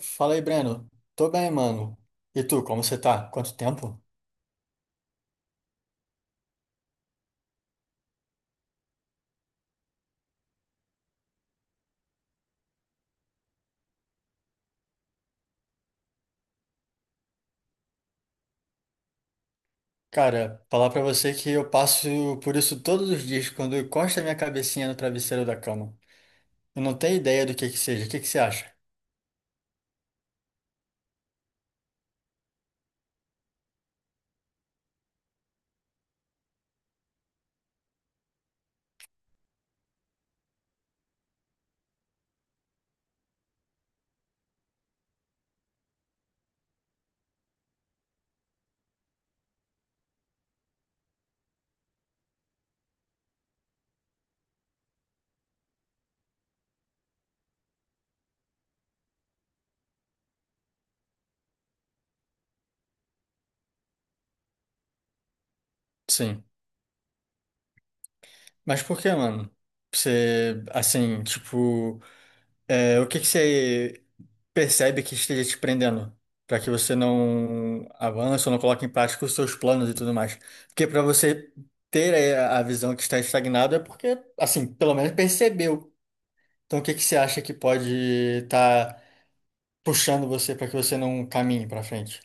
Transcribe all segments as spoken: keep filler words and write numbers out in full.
Fala aí, Breno. Tô bem, mano. E tu, como você tá? Quanto tempo? Cara, falar pra você que eu passo por isso todos os dias quando eu encosto a minha cabecinha no travesseiro da cama. Eu não tenho ideia do que que seja. O que que você acha? Sim. Mas por que, mano? Você, assim, tipo. É, o que que você percebe que esteja te prendendo para que você não avance ou não coloque em prática os seus planos e tudo mais? Porque para você ter é, a visão que está estagnado é porque, assim, pelo menos percebeu. Então, o que que você acha que pode estar puxando você para que você não caminhe para frente?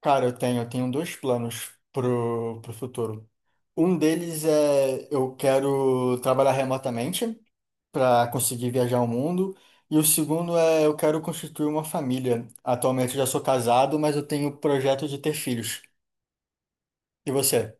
Cara, eu tenho, eu tenho dois planos pro, pro futuro. Um deles é eu quero trabalhar remotamente para conseguir viajar o mundo. E o segundo é eu quero constituir uma família. Atualmente eu já sou casado, mas eu tenho o projeto de ter filhos. E você?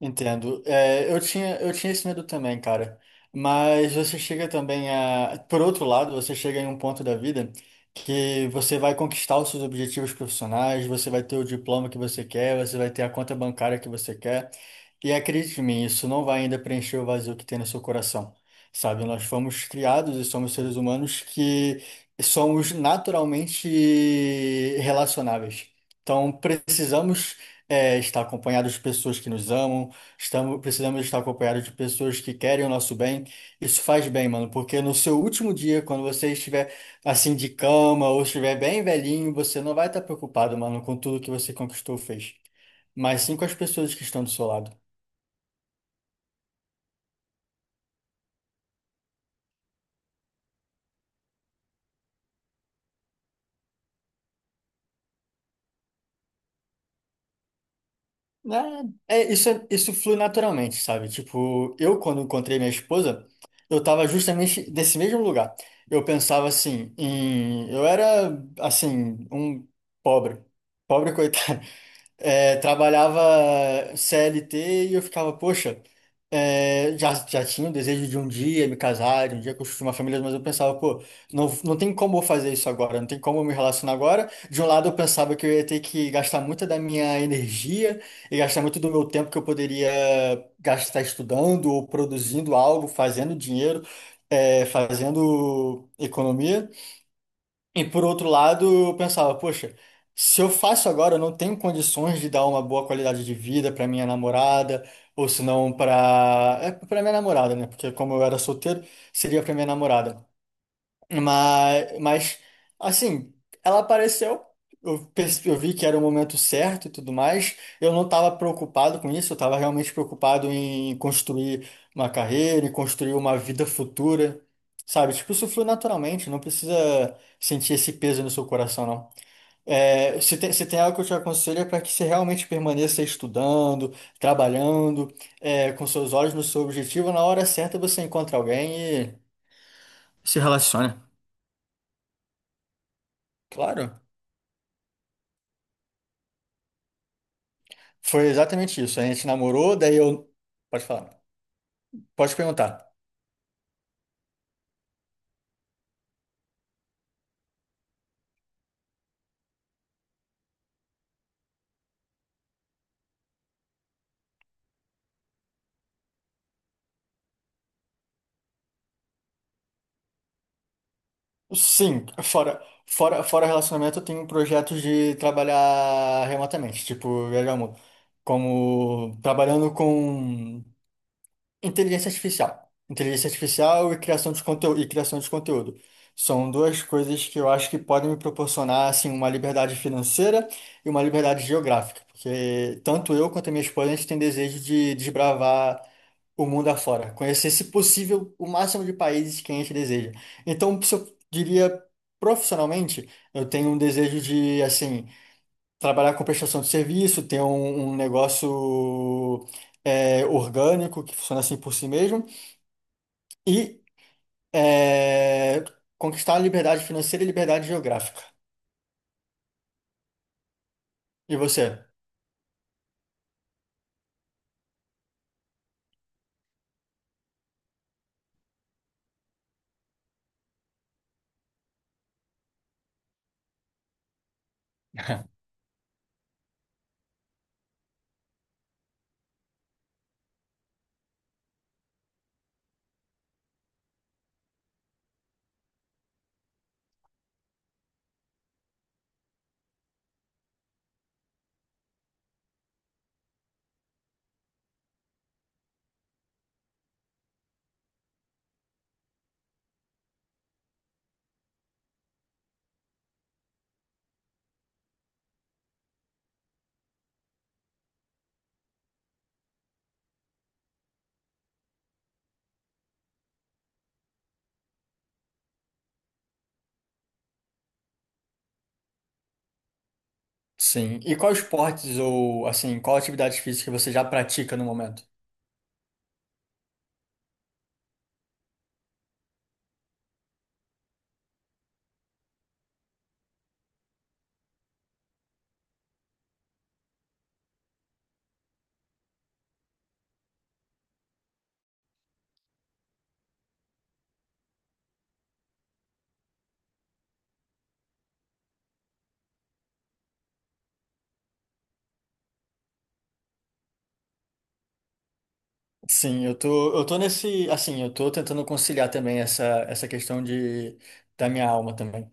Entendo. É, eu tinha, eu tinha esse medo também, cara. Mas você chega também a. Por outro lado, você chega em um ponto da vida que você vai conquistar os seus objetivos profissionais, você vai ter o diploma que você quer, você vai ter a conta bancária que você quer. E acredite em mim, isso não vai ainda preencher o vazio que tem no seu coração. Sabe, nós fomos criados e somos seres humanos que somos naturalmente relacionáveis. Então, precisamos é, estar acompanhados de pessoas que nos amam. Estamos, precisamos estar acompanhados de pessoas que querem o nosso bem. Isso faz bem, mano, porque no seu último dia, quando você estiver assim de cama ou estiver bem velhinho, você não vai estar preocupado, mano, com tudo que você conquistou, ou fez, mas sim com as pessoas que estão do seu lado. É, é, isso, é- isso flui naturalmente, sabe? Tipo, eu quando encontrei minha esposa, eu tava justamente nesse mesmo lugar. Eu pensava assim, em, eu era assim, um pobre, pobre coitado. É, trabalhava C L T e eu ficava, poxa, é, já, já tinha o desejo de um dia me casar, de um dia construir uma família, mas eu pensava, pô, não, não tem como eu fazer isso agora, não tem como eu me relacionar agora. De um lado, eu pensava que eu ia ter que gastar muita da minha energia e gastar muito do meu tempo que eu poderia gastar estudando ou produzindo algo, fazendo dinheiro, é, fazendo economia. E por outro lado, eu pensava, poxa, se eu faço agora, eu não tenho condições de dar uma boa qualidade de vida para minha namorada, ou se não para é para minha namorada, né? Porque como eu era solteiro, seria para minha namorada. Mas, mas assim, ela apareceu, eu, perce- eu vi que era o momento certo e tudo mais. Eu não estava preocupado com isso, eu estava realmente preocupado em construir uma carreira, em construir uma vida futura, sabe? Tipo, isso flui naturalmente, não precisa sentir esse peso no seu coração, não. É, se tem, se tem algo que eu te aconselho é para que você realmente permaneça estudando, trabalhando, é, com seus olhos no seu objetivo, na hora certa você encontra alguém e se relaciona. Claro. Foi exatamente isso. A gente namorou, daí eu. Pode falar. Pode perguntar. Sim, fora, fora, fora relacionamento, eu tenho projetos de trabalhar remotamente, tipo, viajar o mundo. Como trabalhando com inteligência artificial. Inteligência artificial e criação de conteúdo, e criação de conteúdo. São duas coisas que eu acho que podem me proporcionar assim uma liberdade financeira e uma liberdade geográfica, porque tanto eu quanto a minha esposa a gente tem desejo de desbravar o mundo afora, conhecer, se possível, o máximo de países que a gente deseja. Então, se eu diria profissionalmente, eu tenho um desejo de assim trabalhar com prestação de serviço, ter um, um negócio é, orgânico que funciona assim por si mesmo e é, conquistar a liberdade financeira e liberdade geográfica. E você? Sim. E quais esportes ou assim, qual atividade física você já pratica no momento? Sim, eu tô, eu tô nesse, assim, eu tô tentando conciliar também essa, essa questão de, da minha alma também.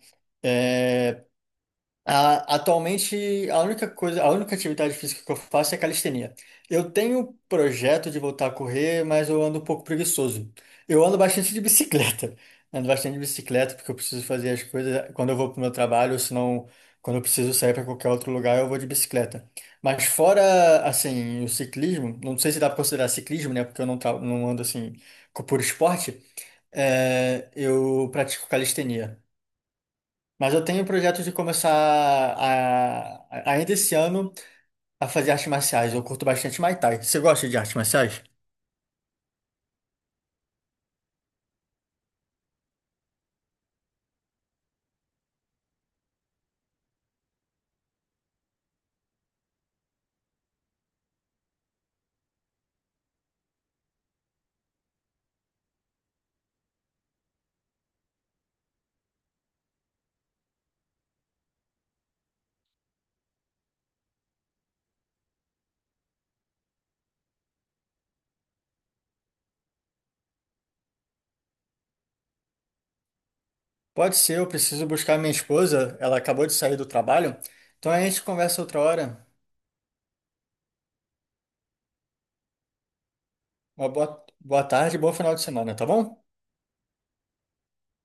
A- Atualmente, a única coisa, a única atividade física que eu faço é calistenia. Eu tenho projeto de voltar a correr, mas eu ando um pouco preguiçoso. Eu ando bastante de bicicleta. Ando bastante de bicicleta porque eu preciso fazer as coisas quando eu vou para o meu trabalho, ou senão quando eu preciso sair para qualquer outro lugar, eu vou de bicicleta. Mas fora, assim, o ciclismo, não sei se dá para considerar ciclismo, né? Porque eu não, tra- não ando assim por esporte. É, eu pratico calistenia. Mas eu tenho o projeto de começar a, a- ainda esse ano a fazer artes marciais. Eu curto bastante Muay Thai. Você gosta de artes marciais? Pode ser, eu preciso buscar minha esposa. Ela acabou de sair do trabalho. Então a gente conversa outra hora. Uma boa, boa tarde e bom final de semana, tá bom?